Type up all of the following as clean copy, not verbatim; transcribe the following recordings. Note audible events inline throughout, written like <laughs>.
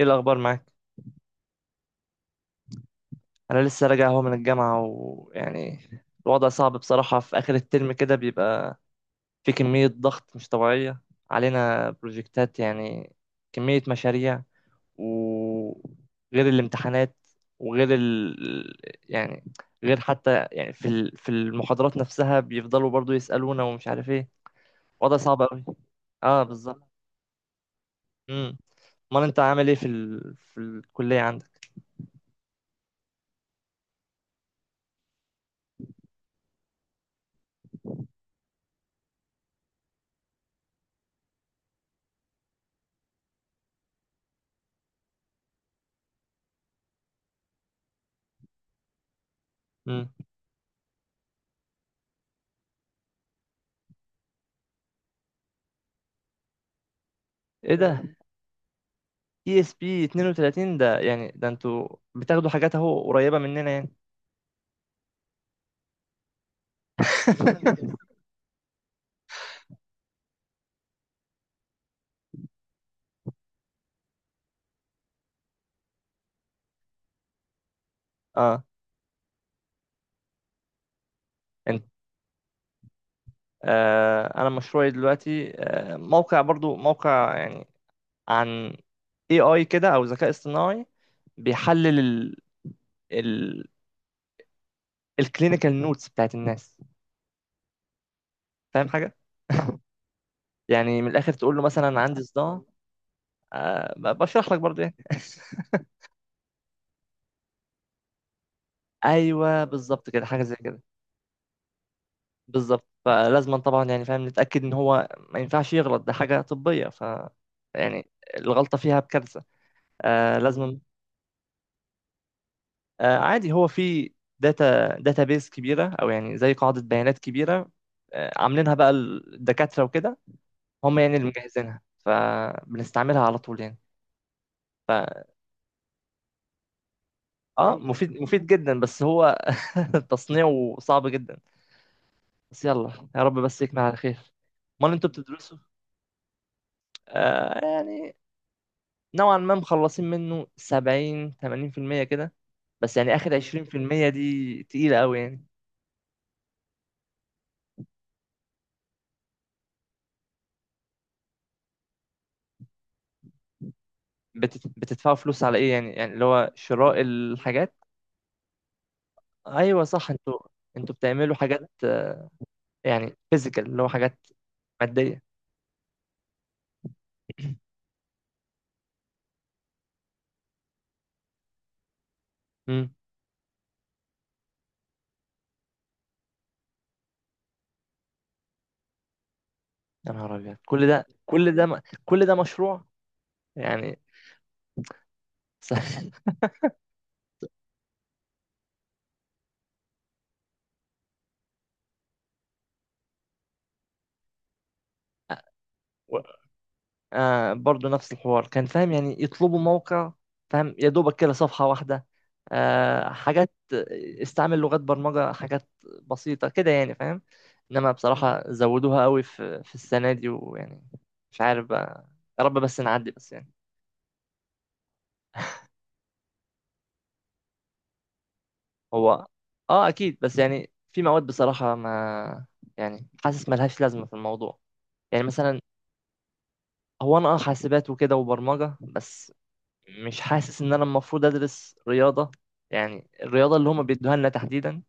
ايه الاخبار معاك؟ انا لسه راجع اهو من الجامعه ويعني الوضع صعب بصراحه. في اخر الترم كده بيبقى في كميه ضغط مش طبيعيه علينا، بروجكتات يعني، كميه مشاريع، وغير الامتحانات، وغير ال... يعني غير حتى يعني في المحاضرات نفسها بيفضلوا برضو يسالونا ومش عارف ايه. وضع صعب قوي. اه بالظبط. امم امال انت عامل ايه في الكليه عندك؟ امم ايه ده؟ اي اس بي 32 ده، يعني ده انتوا بتاخدوا حاجات اهو قريبة مننا يعني؟ <laughs> اه انت آه، انا مشروعي دلوقتي، موقع، برضو موقع يعني، عن اي كده، او ذكاء اصطناعي، بيحلل ال ال الكلينيكال نوتس بتاعت الناس، فاهم حاجة؟ يعني من الاخر تقول له مثلا عندي صداع، بشرح لك برضو يعني. <laughs> ايوه بالظبط كده، حاجة زي كده. بالظبط، فلازما طبعا يعني فاهم نتأكد ان هو ما ينفعش يغلط، ده حاجة طبية، ف يعني الغلطة فيها بكارثة. آه لازما. آه عادي، هو في داتا بيز كبيرة، او يعني زي قاعدة بيانات كبيرة. آه، عاملينها بقى الدكاترة وكده، هم يعني اللي مجهزينها فبنستعملها على طول يعني. ف اه مفيد، مفيد جدا، بس هو <laughs> تصنيعه صعب جدا. بس يلا يا رب بس يكمل على خير. امال انتوا بتدرسوا؟ يعني نوعا ما مخلصين منه 70 80% كده، بس يعني اخر 20% دي تقيلة قوي يعني. بتدفعوا فلوس على ايه يعني اللي هو شراء الحاجات؟ ايوه صح، انتوا بتعملوا حاجات آه، يعني فيزيكال، اللي هو حاجات مادية. <clears throat> امم يا نهار ابيض، كل ده مشروع يعني؟ <laughs> س- آه برضه نفس الحوار كان فاهم، يعني يطلبوا موقع فاهم، يا دوبك كده صفحة واحدة، آه حاجات، استعمل لغات برمجة، حاجات بسيطة كده يعني فاهم. انما بصراحة زودوها قوي في السنة دي، ويعني مش عارف بقى، يا رب بس نعدي بس يعني. هو اه اكيد، بس يعني في مواد بصراحة ما يعني، حاسس ملهاش لازمة في الموضوع، يعني مثلا، هو انا حاسبات وكده وبرمجة بس، مش حاسس ان انا المفروض ادرس رياضه. يعني الرياضه اللي هما بيدوها لنا تحديدا،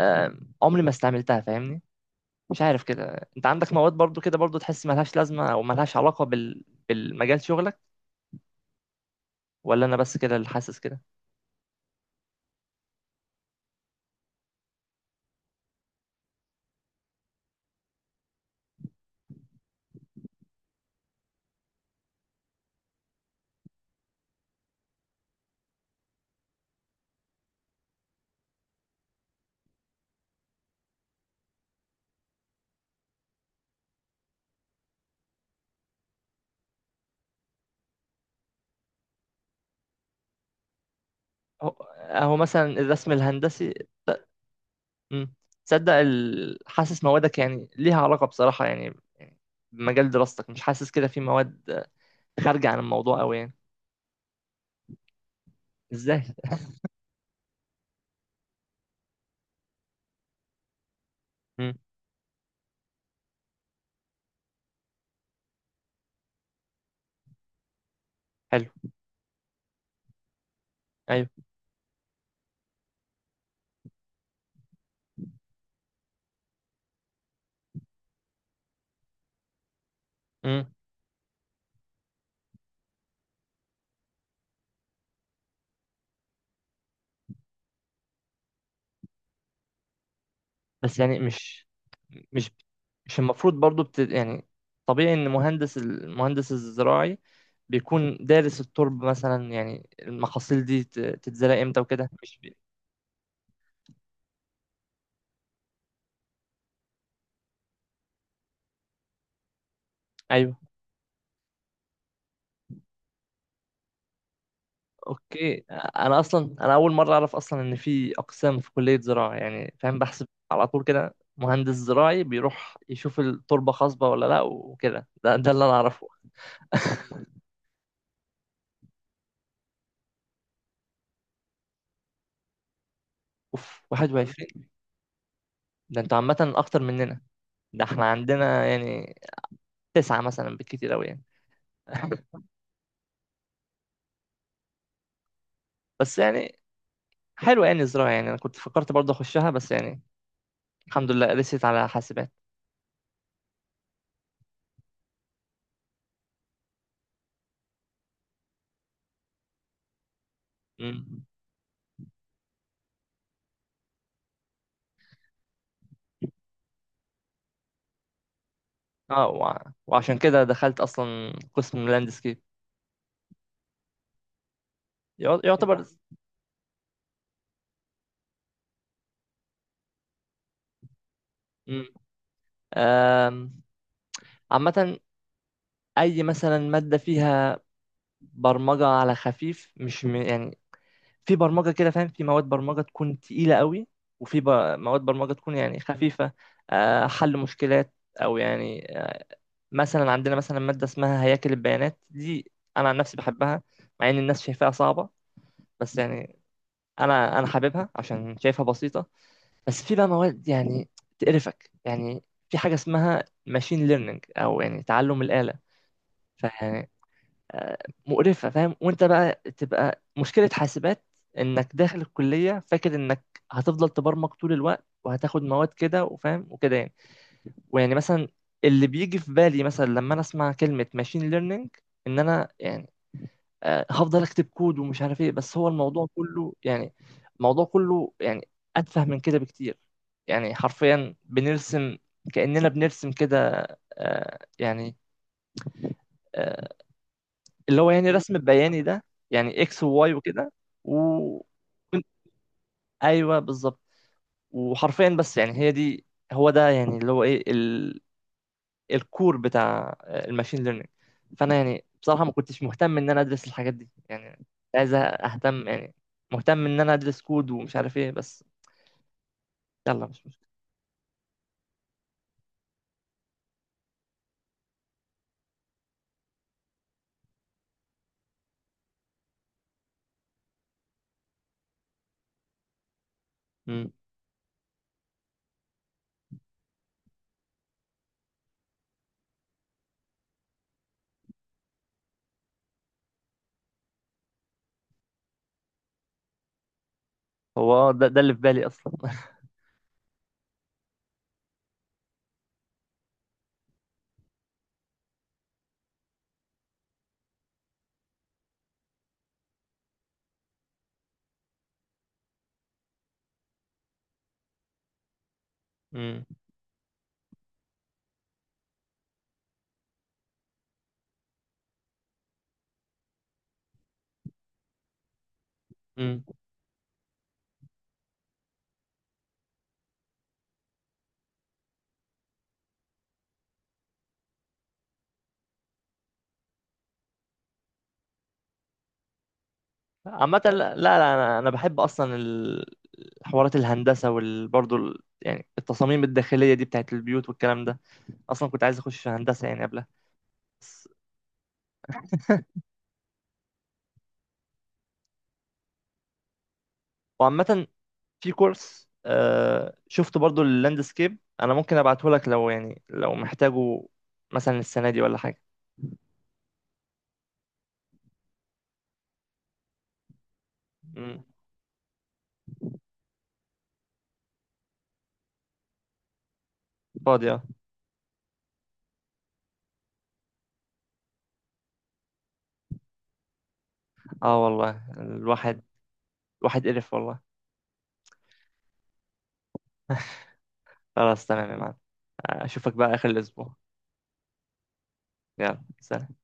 عمري ما استعملتها فاهمني. مش عارف كده، انت عندك مواد برضو كده برضو تحس ملهاش لازمه، او ملهاش علاقه بالمجال شغلك، ولا انا بس كده اللي حاسس كده؟ اهو أهو مثلا الرسم الهندسي. ت- مم. تصدق حاسس موادك يعني ليها علاقه بصراحه يعني بمجال دراستك؟ مش حاسس كده في مواد خارجه عن الموضوع قوي يعني؟ ازاي؟ مم. حلو. ايوه. مم. بس يعني مش مش المفروض برضو يعني طبيعي ان المهندس الزراعي بيكون دارس التربة مثلا، يعني المحاصيل دي تتزرع امتى وكده، مش ايوه؟ اوكي، انا اصلا انا اول مرة اعرف اصلا ان في اقسام في كلية زراعة، يعني فاهم بحسب على طول كده مهندس زراعي بيروح يشوف التربة خصبة ولا لا وكده، ده اللي انا اعرفه. <laughs> اوف، 21؟ ده انتوا عامة اكتر مننا، ده احنا عندنا يعني تسعة مثلا بالكتير اوي يعني. بس يعني حلوة يعني الزراعة، يعني أنا كنت فكرت برضه أخشها، بس يعني الحمد لله رسيت على حاسبات. مم. اه، وعشان كده دخلت أصلا قسم لاندسكيب. يعتبر. مم. آم، عامة أي مثلا مادة فيها برمجة على خفيف مش يعني في برمجة كده فاهم، في مواد برمجة تكون تقيلة قوي، وفي ب... مواد برمجة تكون يعني خفيفة، حل مشكلات، أو يعني مثلا عندنا مثلا مادة اسمها هياكل البيانات دي، أنا عن نفسي بحبها مع إن الناس شايفاها صعبة، بس يعني أنا حاببها عشان شايفها بسيطة. بس في بقى مواد يعني تقرفك يعني، في حاجة اسمها ماشين ليرنينج، أو يعني تعلم الآلة، فيعني آه، مقرفة فاهم. وأنت بقى تبقى مشكلة حاسبات، إنك داخل الكلية فاكر إنك هتفضل تبرمج طول الوقت، وهتاخد مواد كده وفاهم وكده يعني. ويعني مثلا اللي بيجي في بالي مثلا لما انا اسمع كلمة ماشين ليرنينج، ان انا يعني هفضل اكتب كود ومش عارف ايه، بس هو الموضوع كله يعني، الموضوع كله يعني اتفه من كده بكتير. يعني حرفيا بنرسم، كأننا بنرسم كده، آه، يعني آه، اللي هو يعني رسم بياني ده، يعني اكس وواي وكده، و ايوه بالظبط. وحرفيا بس يعني هي دي، هو ده يعني اللي هو ايه، الكور بتاع الماشين ليرنينج. فانا يعني بصراحه ما كنتش مهتم ان انا ادرس الحاجات دي يعني، كنت عايز اهتم يعني، مهتم ان انا ادرس كود ومش عارف ايه، بس يلا مش مشكله. مم. هو آه، ده اللي في بالي اصلا. <laughs> مم. مم. عامه لا لا لا، انا بحب اصلا حوارات الهندسه، وبرضه يعني التصاميم الداخليه دي بتاعت البيوت والكلام ده، اصلا كنت عايز اخش هندسه يعني قبلها، بس <laughs> وعامة في كورس آه شفت برضو اللاندسكيب، انا ممكن ابعته لك لو يعني لو محتاجه مثلا السنه دي ولا حاجه. مم. فاضي اه. آه والله، الواحد قرف والله. <laughs> خلاص تمام يا معلم، اشوفك بقى اخر الاسبوع، يلا سلام.